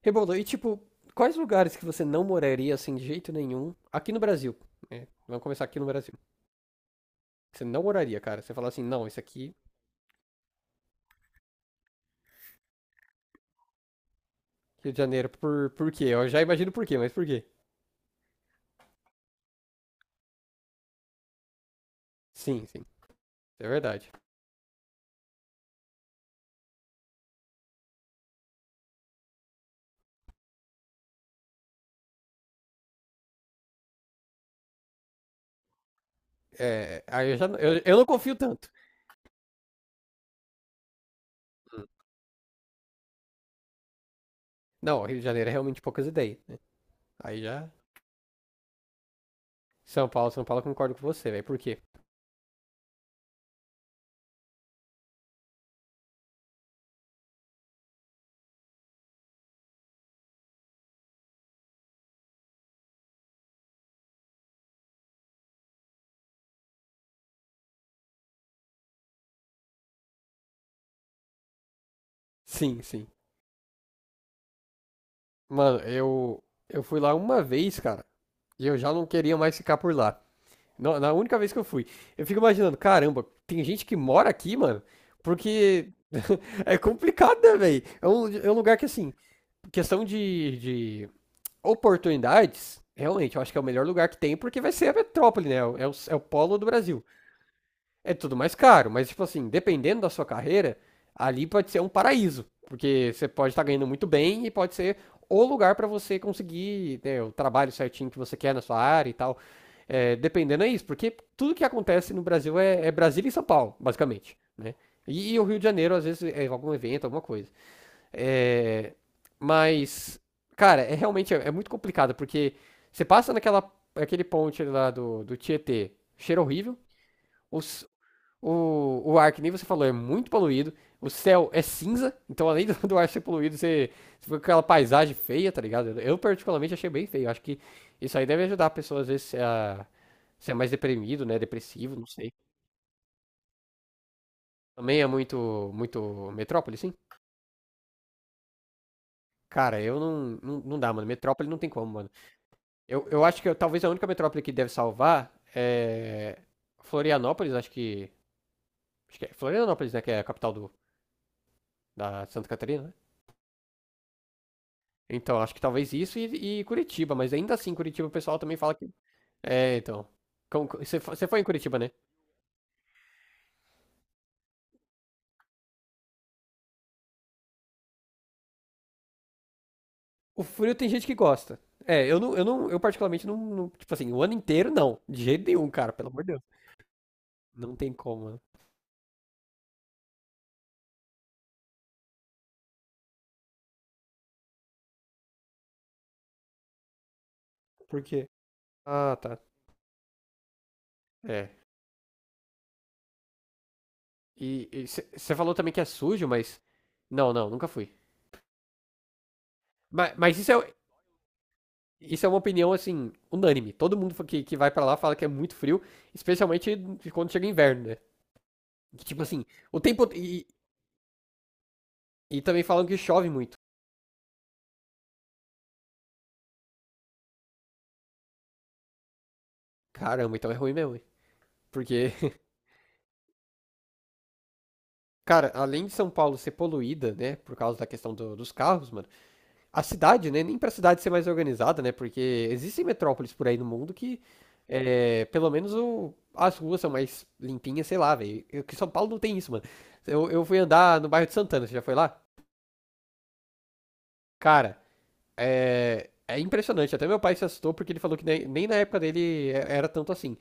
Rebolo, e tipo, quais lugares que você não moraria assim de jeito nenhum aqui no Brasil? Né? Vamos começar aqui no Brasil. Você não moraria, cara. Você fala assim, não, isso aqui, Rio de Janeiro, por quê? Eu já imagino por quê, mas por quê? Sim, sim, é verdade. É, aí eu já eu não confio tanto. Hum. Não, Rio de Janeiro é realmente poucas ideias, né? Aí já. São Paulo, São Paulo, eu concordo com você, velho. Por quê? Sim, sim. Mano, eu fui lá uma vez, cara, e eu já não queria mais ficar por lá. Na única vez que eu fui. Eu fico imaginando, caramba, tem gente que mora aqui, mano, porque é complicado, né, velho? É um lugar que, assim, questão de oportunidades, realmente, eu acho que é o melhor lugar que tem, porque vai ser a metrópole, né? É o polo do Brasil. É tudo mais caro, mas tipo assim, dependendo da sua carreira, ali pode ser um paraíso, porque você pode estar ganhando muito bem e pode ser o lugar para você conseguir, né, o trabalho certinho que você quer na sua área e tal. É, dependendo é isso, porque tudo que acontece no Brasil é Brasília e São Paulo, basicamente, né? E o Rio de Janeiro, às vezes, é algum evento, alguma coisa. É, mas, cara, realmente é muito complicado, porque você passa naquela aquele ponte lá do Tietê, cheiro horrível. Os o ar, que nem você falou, é muito poluído. O céu é cinza, então além do ar ser poluído, você fica com aquela paisagem feia, tá ligado? Eu particularmente achei bem feio. Acho que isso aí deve ajudar a pessoa, às vezes, a ser mais deprimido, né? Depressivo, não sei. Também é muito metrópole, sim? Cara, eu não dá, mano. Metrópole não tem como, mano. Eu acho que talvez a única metrópole que deve salvar é Florianópolis, acho que. Acho que é Florianópolis, né? Que é a capital da Santa Catarina, né? Então, acho que talvez isso e Curitiba, mas ainda assim, Curitiba o pessoal também fala que. É, então. Você você foi em Curitiba, né? O frio tem gente que gosta. É, eu particularmente tipo assim, o ano inteiro não, de jeito nenhum, cara, pelo amor de Deus. Não tem como, né? Por quê? Ah, tá. É. E você falou também que é sujo, mas não, nunca fui. Mas isso é uma opinião assim, unânime. Todo mundo que vai pra lá fala que é muito frio, especialmente quando chega inverno, né? Que, tipo assim, o tempo. E também falam que chove muito. Caramba, então é ruim mesmo, hein? Porque, cara, além de São Paulo ser poluída, né, por causa da questão dos carros, mano, a cidade, né, nem pra cidade ser mais organizada, né, porque existem metrópoles por aí no mundo que, é, pelo menos as ruas são mais limpinhas, sei lá, velho. Que São Paulo não tem isso, mano. Eu fui andar no bairro de Santana, você já foi lá? Cara, é impressionante. Até meu pai se assustou porque ele falou que nem na época dele era tanto assim.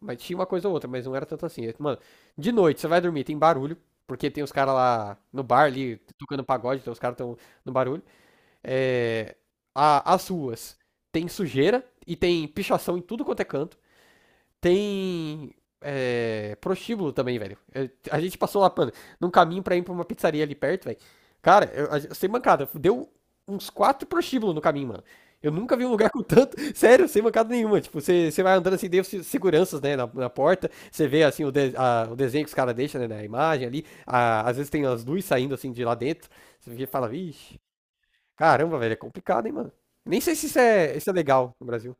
Mas tinha uma coisa ou outra, mas não era tanto assim. Mano, de noite você vai dormir, tem barulho, porque tem os caras lá no bar ali, tocando pagode, então os caras estão no barulho. É, as ruas tem sujeira e tem pichação em tudo quanto é canto. Tem. É, prostíbulo também, velho. A gente passou lá, mano, num caminho pra ir pra uma pizzaria ali perto, velho. Cara, eu, sem mancada, deu uns quatro prostíbulos no caminho, mano. Eu nunca vi um lugar com tanto. Sério, sem mancada nenhuma. Tipo, você vai andando assim, tem os seguranças, né, na porta. Você vê, assim, o desenho que os caras deixam, né, na imagem ali. Às vezes tem as luzes saindo, assim, de lá dentro. Você fica e fala, vixe, caramba, velho, é complicado, hein, mano. Nem sei se isso é legal no Brasil.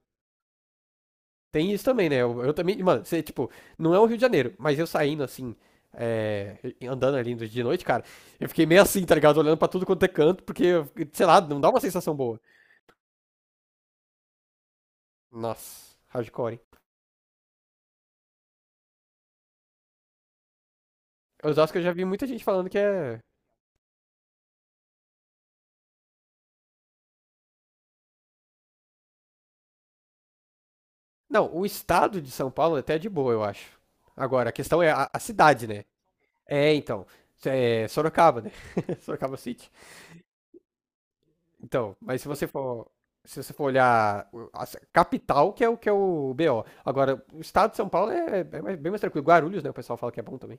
Tem isso também, né? Eu também, mano, você, tipo, não é o Rio de Janeiro, mas eu saindo assim, é, andando ali de noite, cara, eu fiquei meio assim, tá ligado? Olhando pra tudo quanto é canto, porque, sei lá, não dá uma sensação boa. Nossa, hardcore, hein? Osasco eu já vi muita gente falando que é. Não, o estado de São Paulo até é de boa, eu acho. Agora, a questão é a cidade, né? É, então. É Sorocaba, né? Sorocaba City. Então, mas se você for olhar a capital, que é o BO. Agora, o estado de São Paulo é bem mais tranquilo. Guarulhos, né? O pessoal fala que é bom também.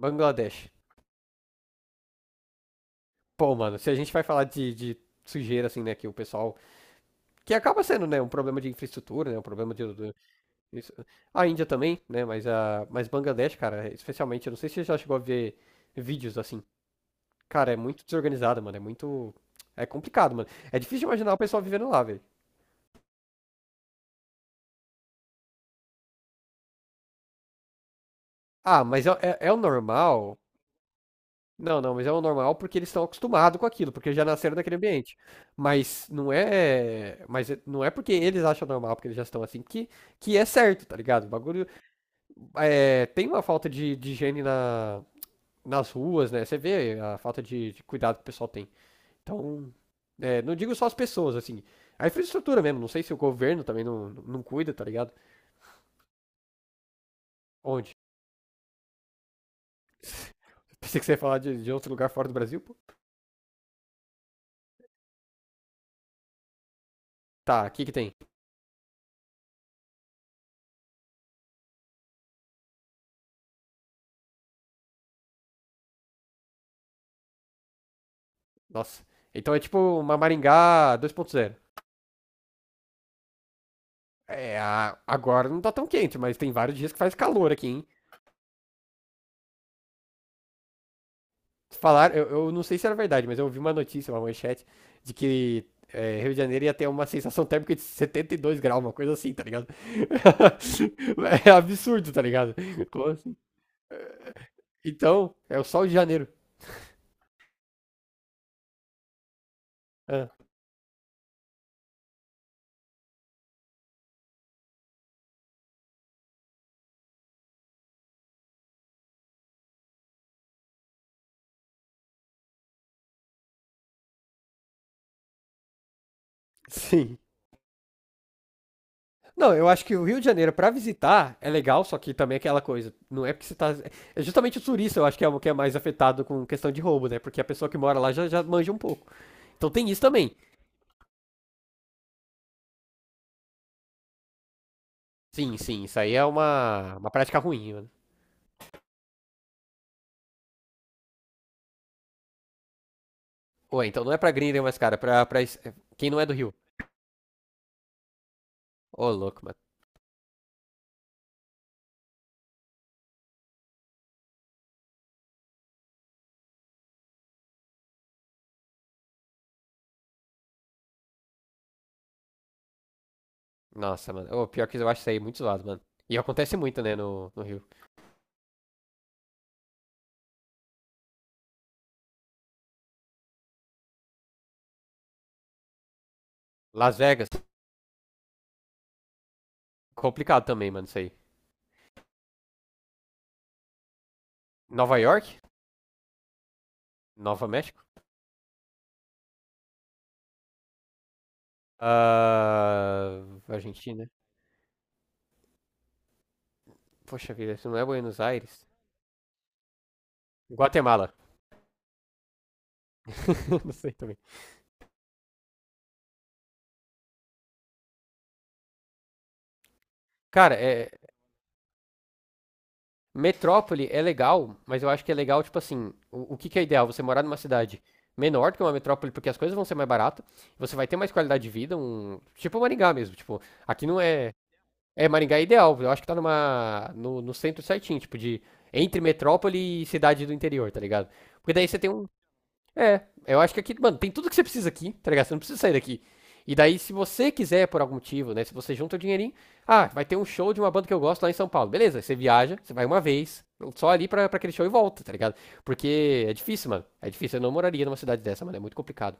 Bangladesh. Pô, mano, se a gente vai falar de sujeira, assim, né? Que o pessoal. Que acaba sendo, né? Um problema de infraestrutura, né? Um problema de. Isso. A Índia também, né? Mas, a, mas Bangladesh, cara, especialmente. Eu não sei se você já chegou a ver vídeos assim. Cara, é muito desorganizado, mano. É muito. É complicado, mano. É difícil de imaginar o pessoal vivendo lá, velho. Ah, mas é o normal. Não, não, mas é o normal porque eles estão acostumados com aquilo, porque já nasceram naquele ambiente. Não é porque eles acham normal, porque eles já estão assim, que é certo, tá ligado? O bagulho é, tem uma falta de higiene nas ruas, né? Você vê a falta de cuidado que o pessoal tem. Então, é, não digo só as pessoas, assim, a infraestrutura mesmo. Não sei se o governo também não cuida, tá ligado? Onde? Pensei que você ia falar de outro lugar fora do Brasil, pô. Tá, aqui que tem. Nossa. Então é tipo uma Maringá 2.0. É, agora não tá tão quente, mas tem vários dias que faz calor aqui, hein? Falaram, eu não sei se era verdade, mas eu ouvi uma notícia, uma manchete, de que é, Rio de Janeiro ia ter uma sensação térmica de 72 graus, uma coisa assim, tá ligado? É absurdo, tá ligado? Como assim? Então, é o sol de janeiro. Ah, sim. Não, eu acho que o Rio de Janeiro pra visitar é legal, só que também é aquela coisa, não é porque você tá. É justamente o turista, eu acho que é o que é mais afetado com questão de roubo, né? Porque a pessoa que mora lá já, já manja um pouco. Então tem isso também. Sim, sim, isso aí é uma prática ruim, mano. Ou então não é pra gringa, mas, cara, pra quem não é do Rio. Ô, louco, mano. Nossa, mano. Ô, pior que eu acho isso aí muito zoado, mano. E acontece muito, né, no Rio. Las Vegas, complicado também, mano, isso aí. Nova York, Nova México. Ah, Argentina. Poxa vida, isso não é Buenos Aires. Guatemala. Não sei também. Cara, é, metrópole é legal, mas eu acho que é legal, tipo assim, que é ideal? Você morar numa cidade menor que uma metrópole, porque as coisas vão ser mais baratas, você vai ter mais qualidade de vida, um. Tipo Maringá mesmo, tipo, aqui não é. É, Maringá é ideal, eu acho que tá numa. No centro certinho, tipo, de. Entre metrópole e cidade do interior, tá ligado? Porque daí você tem um. É, eu acho que aqui, mano, tem tudo que você precisa aqui, tá ligado? Você não precisa sair daqui. E daí, se você quiser, por algum motivo, né? Se você junta o dinheirinho, ah, vai ter um show de uma banda que eu gosto lá em São Paulo. Beleza, você viaja, você vai uma vez, só ali pra aquele show e volta, tá ligado? Porque é difícil, mano. É difícil. Eu não moraria numa cidade dessa, mano. É muito complicado.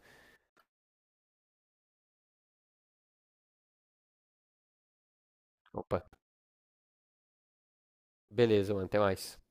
Opa. Beleza, mano. Até mais.